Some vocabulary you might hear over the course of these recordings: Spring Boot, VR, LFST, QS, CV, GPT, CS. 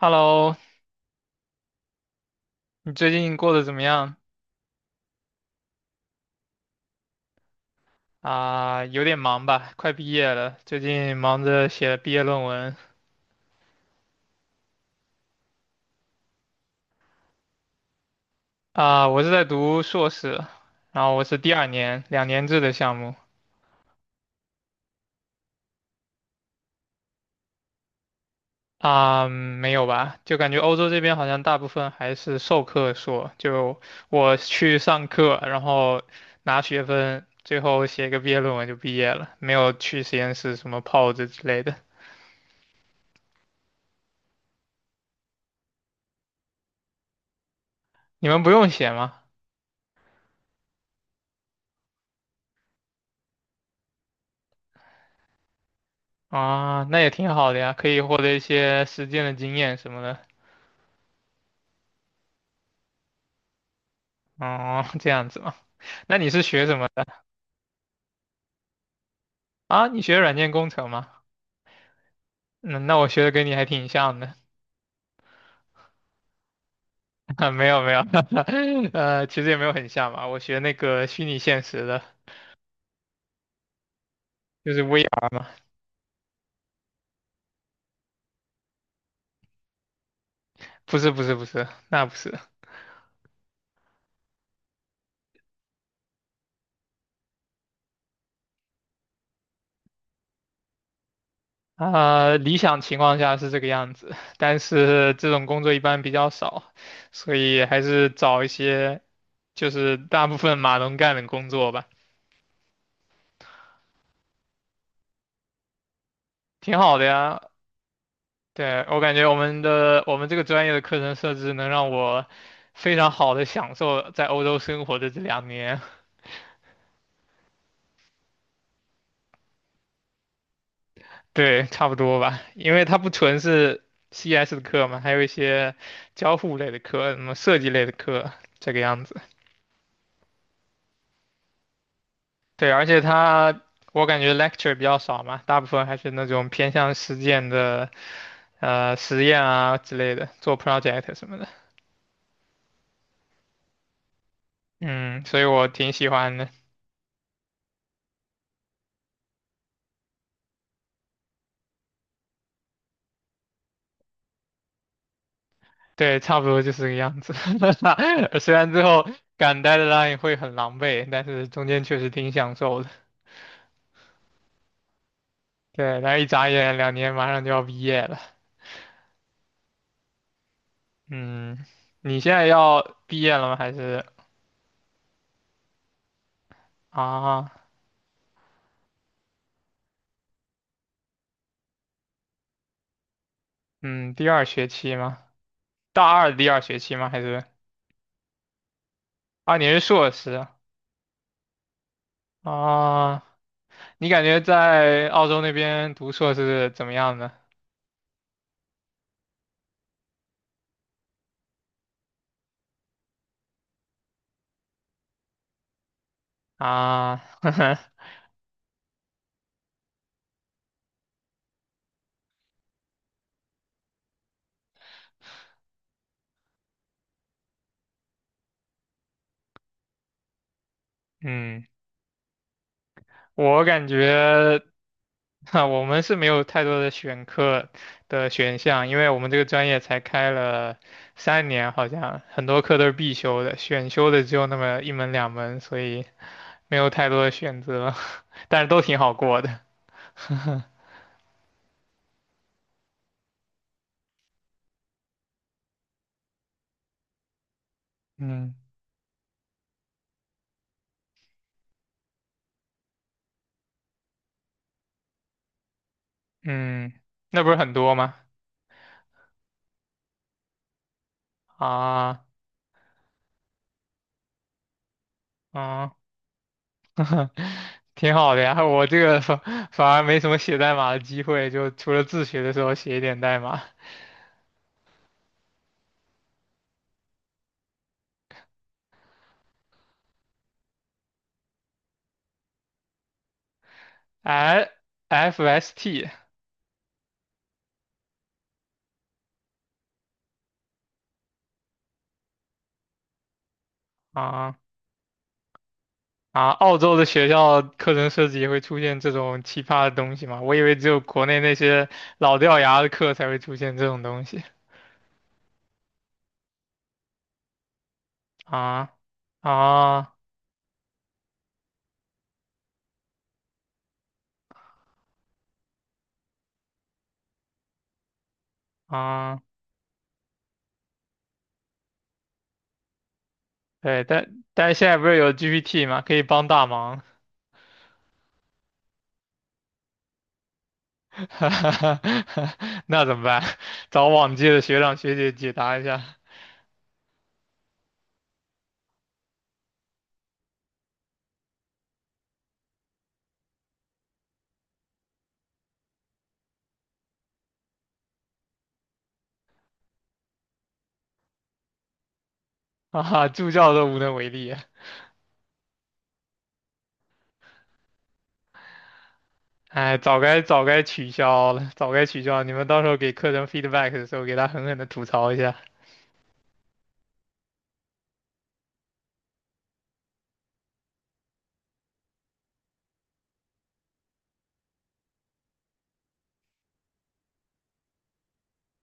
Hello，你最近过得怎么样？有点忙吧，快毕业了，最近忙着写毕业论文。我是在读硕士，然后我是第二年，两年制的项目。没有吧？就感觉欧洲这边好像大部分还是授课硕，就我去上课，然后拿学分，最后写个毕业论文就毕业了，没有去实验室什么泡着之类的。你们不用写吗？啊，那也挺好的呀，可以获得一些实践的经验什么的。哦，这样子嘛。那你是学什么的啊？你学软件工程吗？嗯，那我学的跟你还挺像的。啊，没有没有，其实也没有很像吧。我学那个虚拟现实的，就是 VR 嘛。不是不是不是，那不是。理想情况下是这个样子，但是这种工作一般比较少，所以还是找一些就是大部分码农干的工作吧。挺好的呀，对，我感觉我们这个专业的课程设置能让我非常好的享受在欧洲生活的这两年。对，差不多吧，因为它不纯是 CS 的课嘛，还有一些交互类的课，什么设计类的课，这个样子。对，而且它我感觉 lecture 比较少嘛，大部分还是那种偏向实践的，实验啊之类的，做 project 什么的。嗯，所以我挺喜欢的。对，差不多就是这个样子。虽然最后赶 deadline 会很狼狈，但是中间确实挺享受的。对，然后一眨眼两年马上就要毕业了。嗯，你现在要毕业了吗？还是啊？嗯，第二学期吗？大二的第二学期吗？还是啊？你是硕士啊？啊你感觉在澳洲那边读硕士怎么样呢？啊，嗯，我感觉。哈，我们是没有太多的选课的选项，因为我们这个专业才开了三年，好像很多课都是必修的，选修的只有那么一门两门，所以没有太多的选择，但是都挺好过的。嗯嗯，那不是很多吗？啊，嗯，挺好的呀。我这个反而没什么写代码的机会，就除了自学的时候写一点代码。LFST 啊啊，澳洲的学校课程设计也会出现这种奇葩的东西吗？我以为只有国内那些老掉牙的课才会出现这种东西啊啊啊！对，但但是现在不是有 GPT 吗？可以帮大忙，那怎么办？找往届的学长学姐解答一下啊哈，助教都无能为力啊。哎，早该取消了，早该取消！你们到时候给课程 feedback 的时候，给他狠狠的吐槽一下，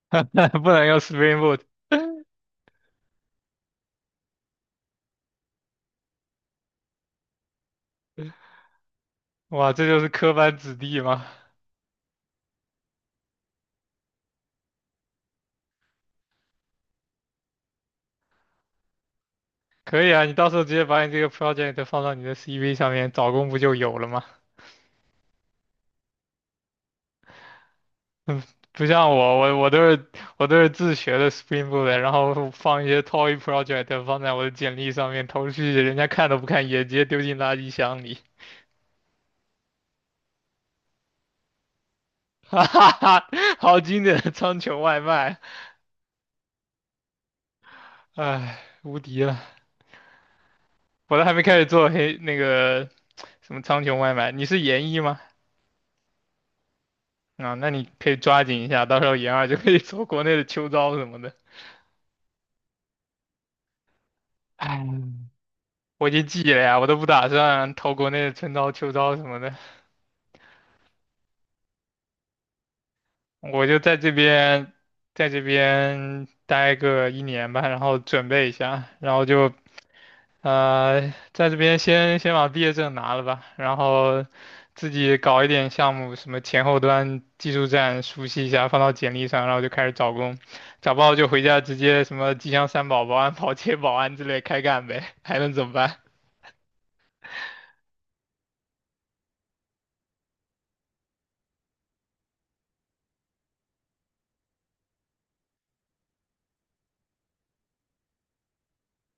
不能用 Spring Boot。哇，这就是科班子弟吗？可以啊，你到时候直接把你这个 project 放到你的 CV 上面，找工不就有了吗？嗯，不像我，我都是我都是自学的 Spring Boot，的然后放一些 toy project 放在我的简历上面投出去，人家看都不看，也直接丢进垃圾箱里。哈哈哈，好经典的苍穹外卖，唉，无敌了！我都还没开始做黑那个什么苍穹外卖，你是研一吗？啊，那你可以抓紧一下，到时候研二就可以做国内的秋招什么的。哎，我已经寄了呀，我都不打算投国内的春招、秋招什么的，我就在这边，在这边待个一年吧，然后准备一下，然后就呃，在这边先把毕业证拿了吧，然后自己搞一点项目，什么前后端技术栈熟悉一下，放到简历上，然后就开始找工，找不到就回家直接什么吉祥三宝、保安、保洁、保安之类开干呗，还能怎么办？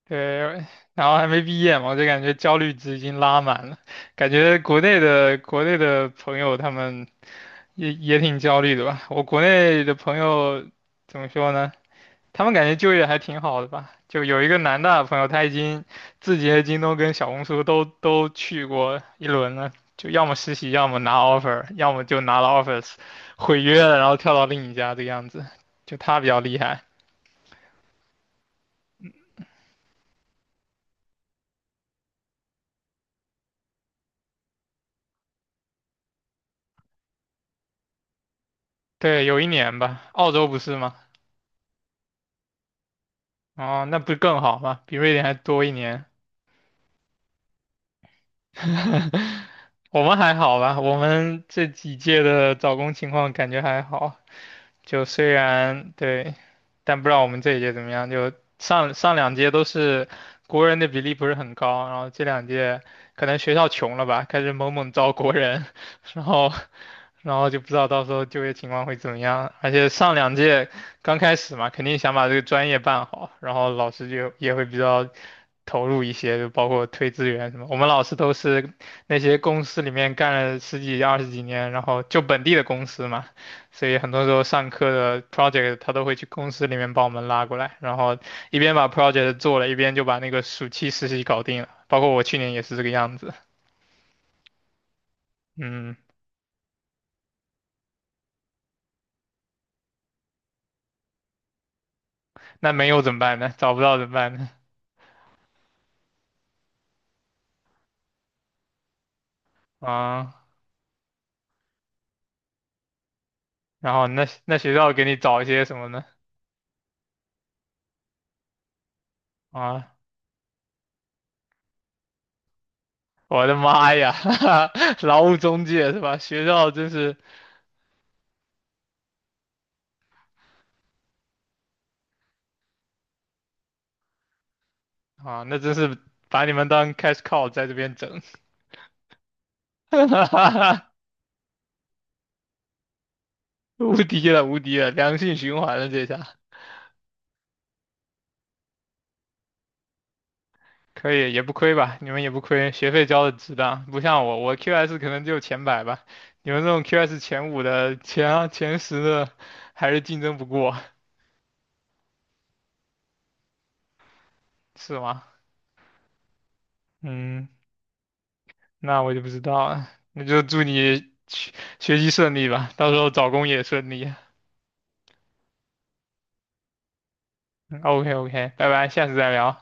对，然后还没毕业嘛，我就感觉焦虑值已经拉满了。感觉国内的朋友他们也挺焦虑的吧？我国内的朋友怎么说呢？他们感觉就业还挺好的吧？就有一个南大的朋友，他已经字节、京东跟小红书都去过一轮了，就要么实习，要么拿 offer，要么就拿了 offers 毁约了，然后跳到另一家这个样子。就他比较厉害。对，有一年吧，澳洲不是吗？哦，那不是更好吗？比瑞典还多一年。我们还好吧？我们这几届的找工情况感觉还好。就虽然对，但不知道我们这一届怎么样。就上两届都是国人的比例不是很高，然后这两届可能学校穷了吧，开始猛猛招国人，然后然后就不知道到时候就业情况会怎么样。而且上两届刚开始嘛，肯定想把这个专业办好，然后老师就也会比较投入一些，就包括推资源什么。我们老师都是那些公司里面干了10几20几年，然后就本地的公司嘛。所以很多时候上课的 project 他都会去公司里面帮我们拉过来，然后一边把 project 做了，一边就把那个暑期实习搞定了。包括我去年也是这个样子。嗯，那没有怎么办呢？找不到怎么办呢？啊，然后那那学校给你找一些什么呢？啊，我的妈呀，劳务中介是吧？学校真是啊，那真是把你们当 cash cow 在这边整，无敌了，无敌了，良性循环了这下。可以，也不亏吧？你们也不亏，学费交的值当，不像我，我 QS 可能就前百吧。你们这种 QS 前五的、前十的，还是竞争不过，是吗？嗯，那我就不知道了。那就祝你学习顺利吧，到时候找工也顺利。OK OK，拜拜，下次再聊。